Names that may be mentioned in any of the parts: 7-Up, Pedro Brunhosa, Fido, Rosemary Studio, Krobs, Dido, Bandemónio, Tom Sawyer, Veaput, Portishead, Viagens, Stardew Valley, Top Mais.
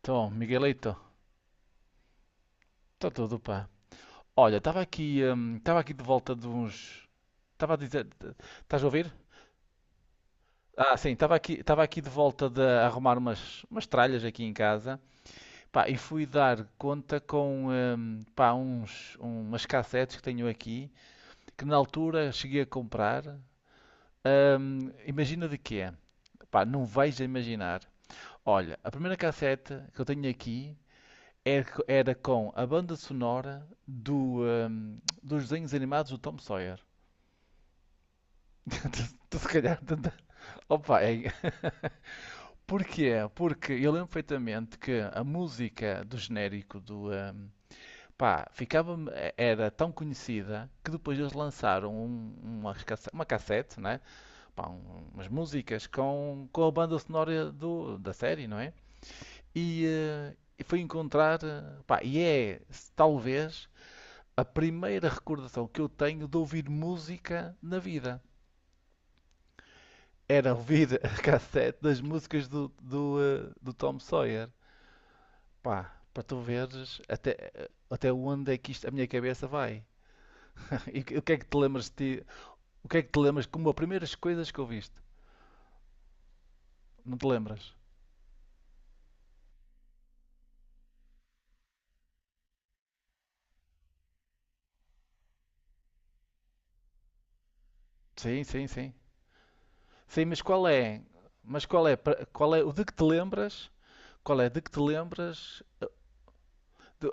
Então, Miguelito, está tudo, pá. Olha, estava aqui de volta de uns. Estava a dizer. Estás a ouvir? Ah, sim, estava aqui de volta de arrumar umas tralhas aqui em casa, pá, e fui dar conta com, pá, umas cassetes que tenho aqui, que na altura cheguei a comprar. Imagina de quê? Pá, não vais a imaginar. Olha, a primeira cassete que eu tenho aqui era com a banda sonora dos desenhos animados do Tom Sawyer. Tu se calhar. Opa, é... Porquê? Porque eu lembro perfeitamente que a música do genérico do. Pá, ficava, era tão conhecida que depois eles lançaram uma cassete, né? Pá, umas músicas com a banda sonora da série, não é? E foi encontrar. Pá, e é talvez a primeira recordação que eu tenho de ouvir música na vida. Era ouvir a cassete das músicas do Tom Sawyer. Pá, para tu veres até onde é que isto, a minha cabeça vai. E o que é que te lembras de ti? O que é que te lembras como as primeiras coisas que ouviste? Não te lembras? Sim, sim, sim. Sim, mas qual é? Mas qual é o de que te lembras? Qual é de que te lembras?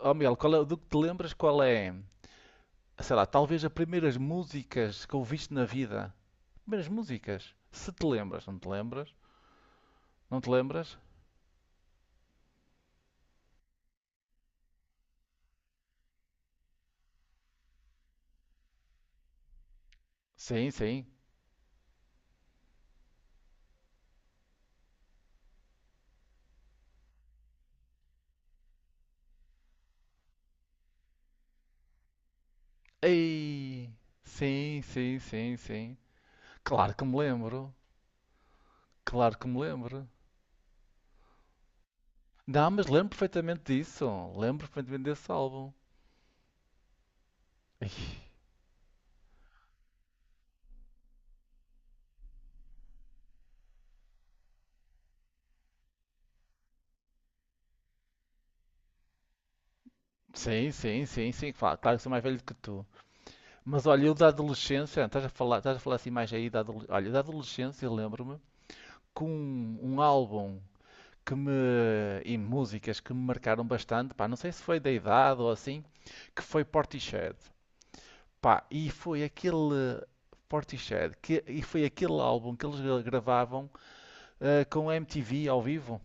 Oh, Miguel, qual é o de que te lembras? Qual é sei lá, talvez as primeiras músicas que ouviste na vida. Primeiras músicas. Se te lembras, não te lembras? Não te lembras? Sim, sim. Ei! Sim, sim, sim, sim. Claro que me lembro. Claro que me lembro. Não, mas lembro perfeitamente disso. Lembro perfeitamente desse álbum. Ai, sim, sim, sim, sim. Claro, claro que sou mais velho que tu. Mas olha, eu da adolescência, estás a falar assim mais aí da adolescência. Olha, da adolescência, lembro-me com um álbum que me, e músicas que me marcaram bastante, pá, não sei se foi da idade ou assim, que foi Portishead. Pá, e foi aquele Portishead, e foi aquele álbum que eles gravavam com a MTV ao vivo.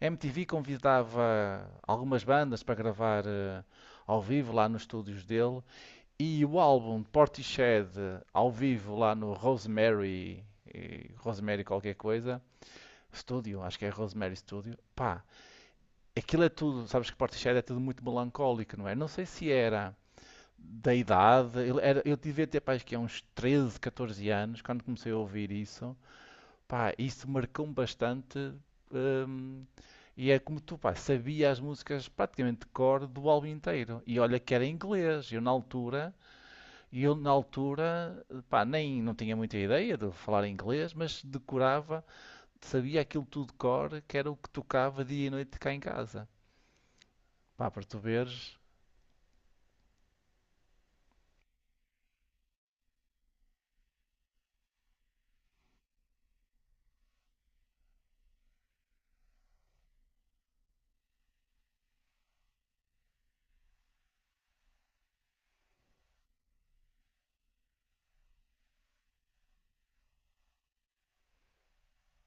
A MTV convidava algumas bandas para gravar ao vivo lá nos estúdios dele. E o álbum de Portishead ao vivo lá no Rosemary qualquer coisa, Studio, acho que é Rosemary Studio. Pá, aquilo é tudo, sabes que Portishead é tudo muito melancólico, não é? Não sei se era da idade, eu devia ter pá, acho que é uns 13, 14 anos quando comecei a ouvir isso, pá, isso marcou-me bastante. hum, e é como tu, pá, sabia as músicas praticamente de cor do álbum inteiro. E olha que era em inglês, e eu na altura, pá, nem não tinha muita ideia de falar inglês, mas decorava, sabia aquilo tudo de cor, que era o que tocava dia e noite cá em casa. Pá, para tu veres.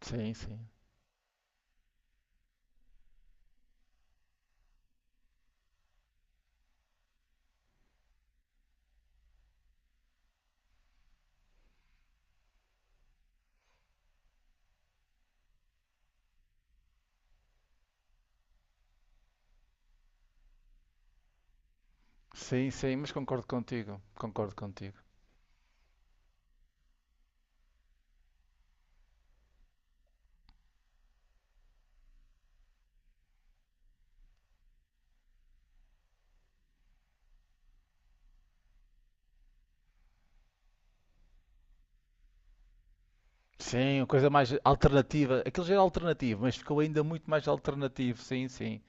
Sim, sim. Sim, sim, mas concordo contigo. Concordo contigo. Sim, a coisa mais alternativa. Aquilo já era alternativo, mas ficou ainda muito mais alternativo. Sim, sim.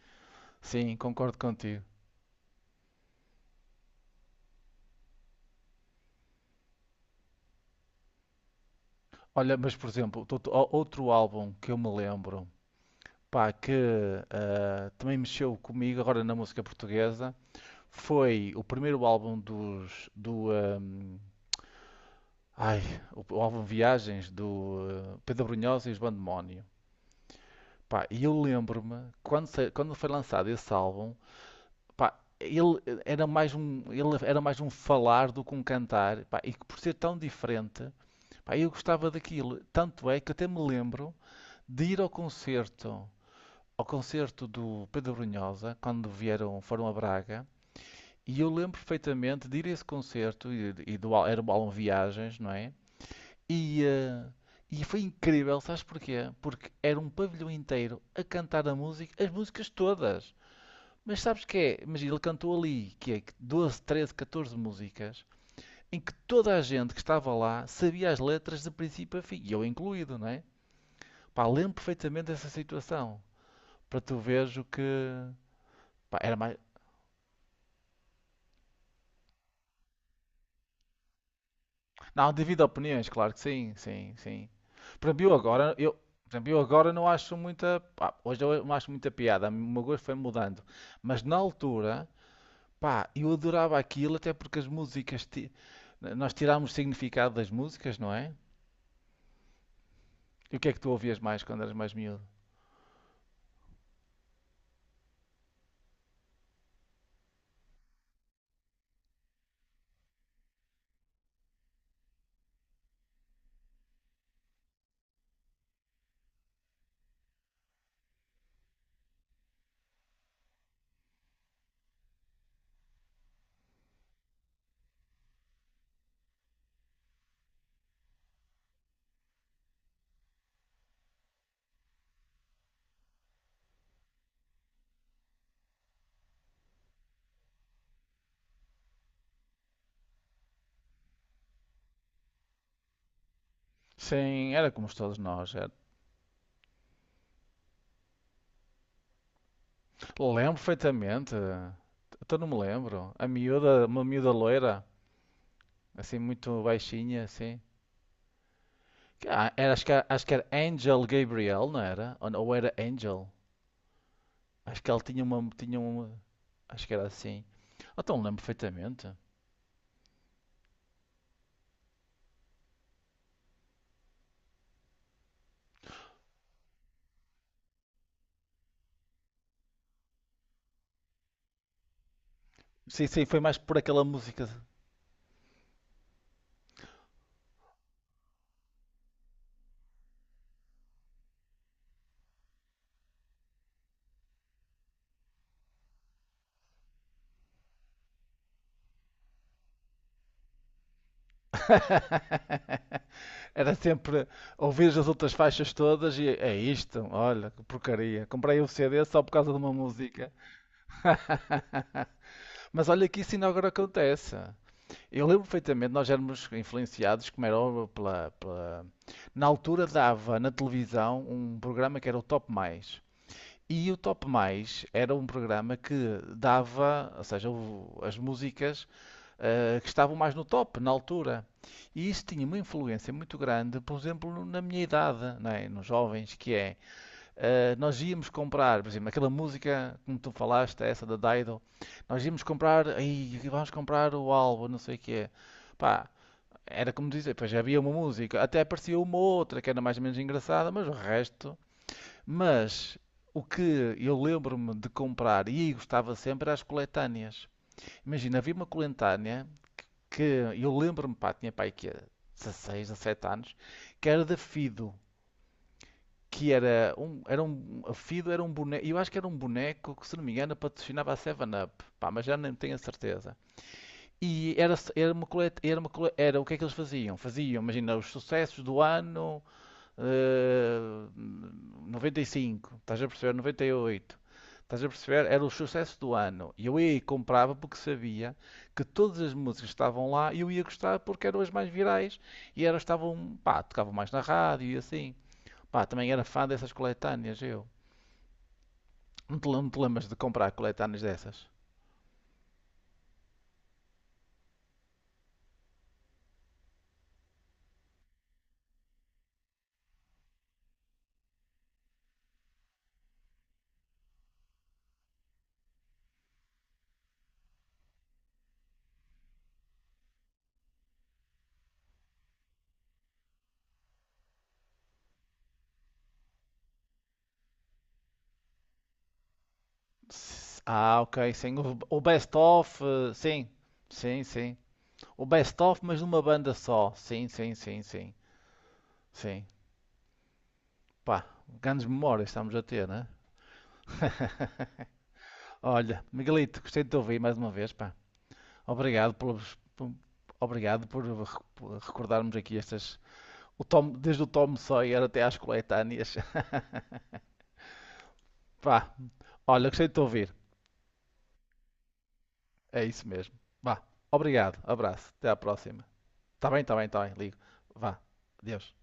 Sim, concordo contigo. Olha, mas por exemplo, outro álbum que eu me lembro, pá, que também mexeu comigo agora na música portuguesa, foi o primeiro álbum dos, do, ai, o álbum Viagens do Pedro Brunhosa e os Bandemónio. Pá, e eu lembro-me quando foi lançado esse álbum. Pá, ele era mais um falar do que um cantar, pá, e que por ser tão diferente, pá, eu gostava daquilo. Tanto é que até me lembro de ir ao concerto do Pedro Brunhosa, quando vieram, foram a Braga, e eu lembro perfeitamente de ir a esse concerto, e era o álbum Viagens, não é? E, eh, e foi incrível, sabes porquê? Porque era um pavilhão inteiro a cantar as músicas todas. Mas sabes que é? Mas ele cantou ali, que é que 12, 13, 14 músicas, em que toda a gente que estava lá sabia as letras de princípio a fim, e eu incluído, não é? Pá, lembro perfeitamente dessa situação, para tu veres o que... Pá, era mais... Não, devido a opiniões, claro que sim, sim, sim. Para mim eu agora, eu, por exemplo, eu agora não acho muita... Pá, hoje eu não acho muita piada, o meu gosto foi mudando. Mas na altura, pá, eu adorava aquilo, até porque as músicas... Nós tirámos significado das músicas, não é? E o que é que tu ouvias mais quando eras mais miúdo? Sim, era como todos nós. Era. Lembro perfeitamente. Até não me lembro. Uma miúda loira, assim, muito baixinha, assim. Acho que era Angel Gabriel, não era? Ou era Angel? Acho que ela tinha uma. Acho que era assim. Então lembro perfeitamente. Sim, sim, foi mais por aquela música. Era sempre ouvir as outras faixas todas e é isto, olha, que porcaria. Comprei o CD só por causa de uma música. Mas olha que isso ainda agora acontece. Eu lembro perfeitamente, nós éramos influenciados, como era óbvio, Na altura dava na televisão um programa que era o Top Mais. E o Top Mais era um programa que dava, ou seja, as músicas que estavam mais no top na altura. E isso tinha uma influência muito grande, por exemplo, na minha idade, não é? Nos jovens, que é nós íamos comprar, por exemplo, aquela música como tu falaste, essa da Dido, nós íamos comprar, aí vamos comprar o álbum, não sei o que é. Pá, era como dizer, pois havia uma música, até aparecia uma outra que era mais ou menos engraçada, mas o resto. Mas o que eu lembro-me de comprar e gostava sempre era as coletâneas. Imagina, havia uma coletânea que eu lembro-me, pá, tinha pai que 16, 17 anos, que era da Fido que era um, a Fido era um boneco, eu acho que era um boneco que, se não me engano, patrocinava a 7-Up, pá, mas já não tenho a certeza. E era, era uma coleta, era uma cole- era o que é que eles faziam? Faziam, imagina, os sucessos do ano eh, 95, estás a perceber? 98. Estás a perceber? Era o sucesso do ano. E eu ia e comprava porque sabia que todas as músicas que estavam lá eu ia gostar porque eram as mais virais e elas estavam, pá, tocavam mais na rádio e assim. Pá, também era fã dessas coletâneas, eu. Não te lembras de comprar coletâneas dessas? Ah, ok, sim. O Best Of, sim. Sim, sim. O Best Of, mas numa banda só. Sim, sim, sim, sim. Sim. Pá, grandes memórias estamos a ter, né? Olha, Miguelito, gostei de te ouvir mais uma vez, pá. Obrigado pelos, por- obrigado por, re- por recordarmos aqui estas, desde o Tom Sawyer até às coletâneas. Pá, olha, gostei de te ouvir. É isso mesmo. Vá. Obrigado. Abraço. Até à próxima. Tá bem, tá bem, tá bem. Ligo. Vá. Adeus.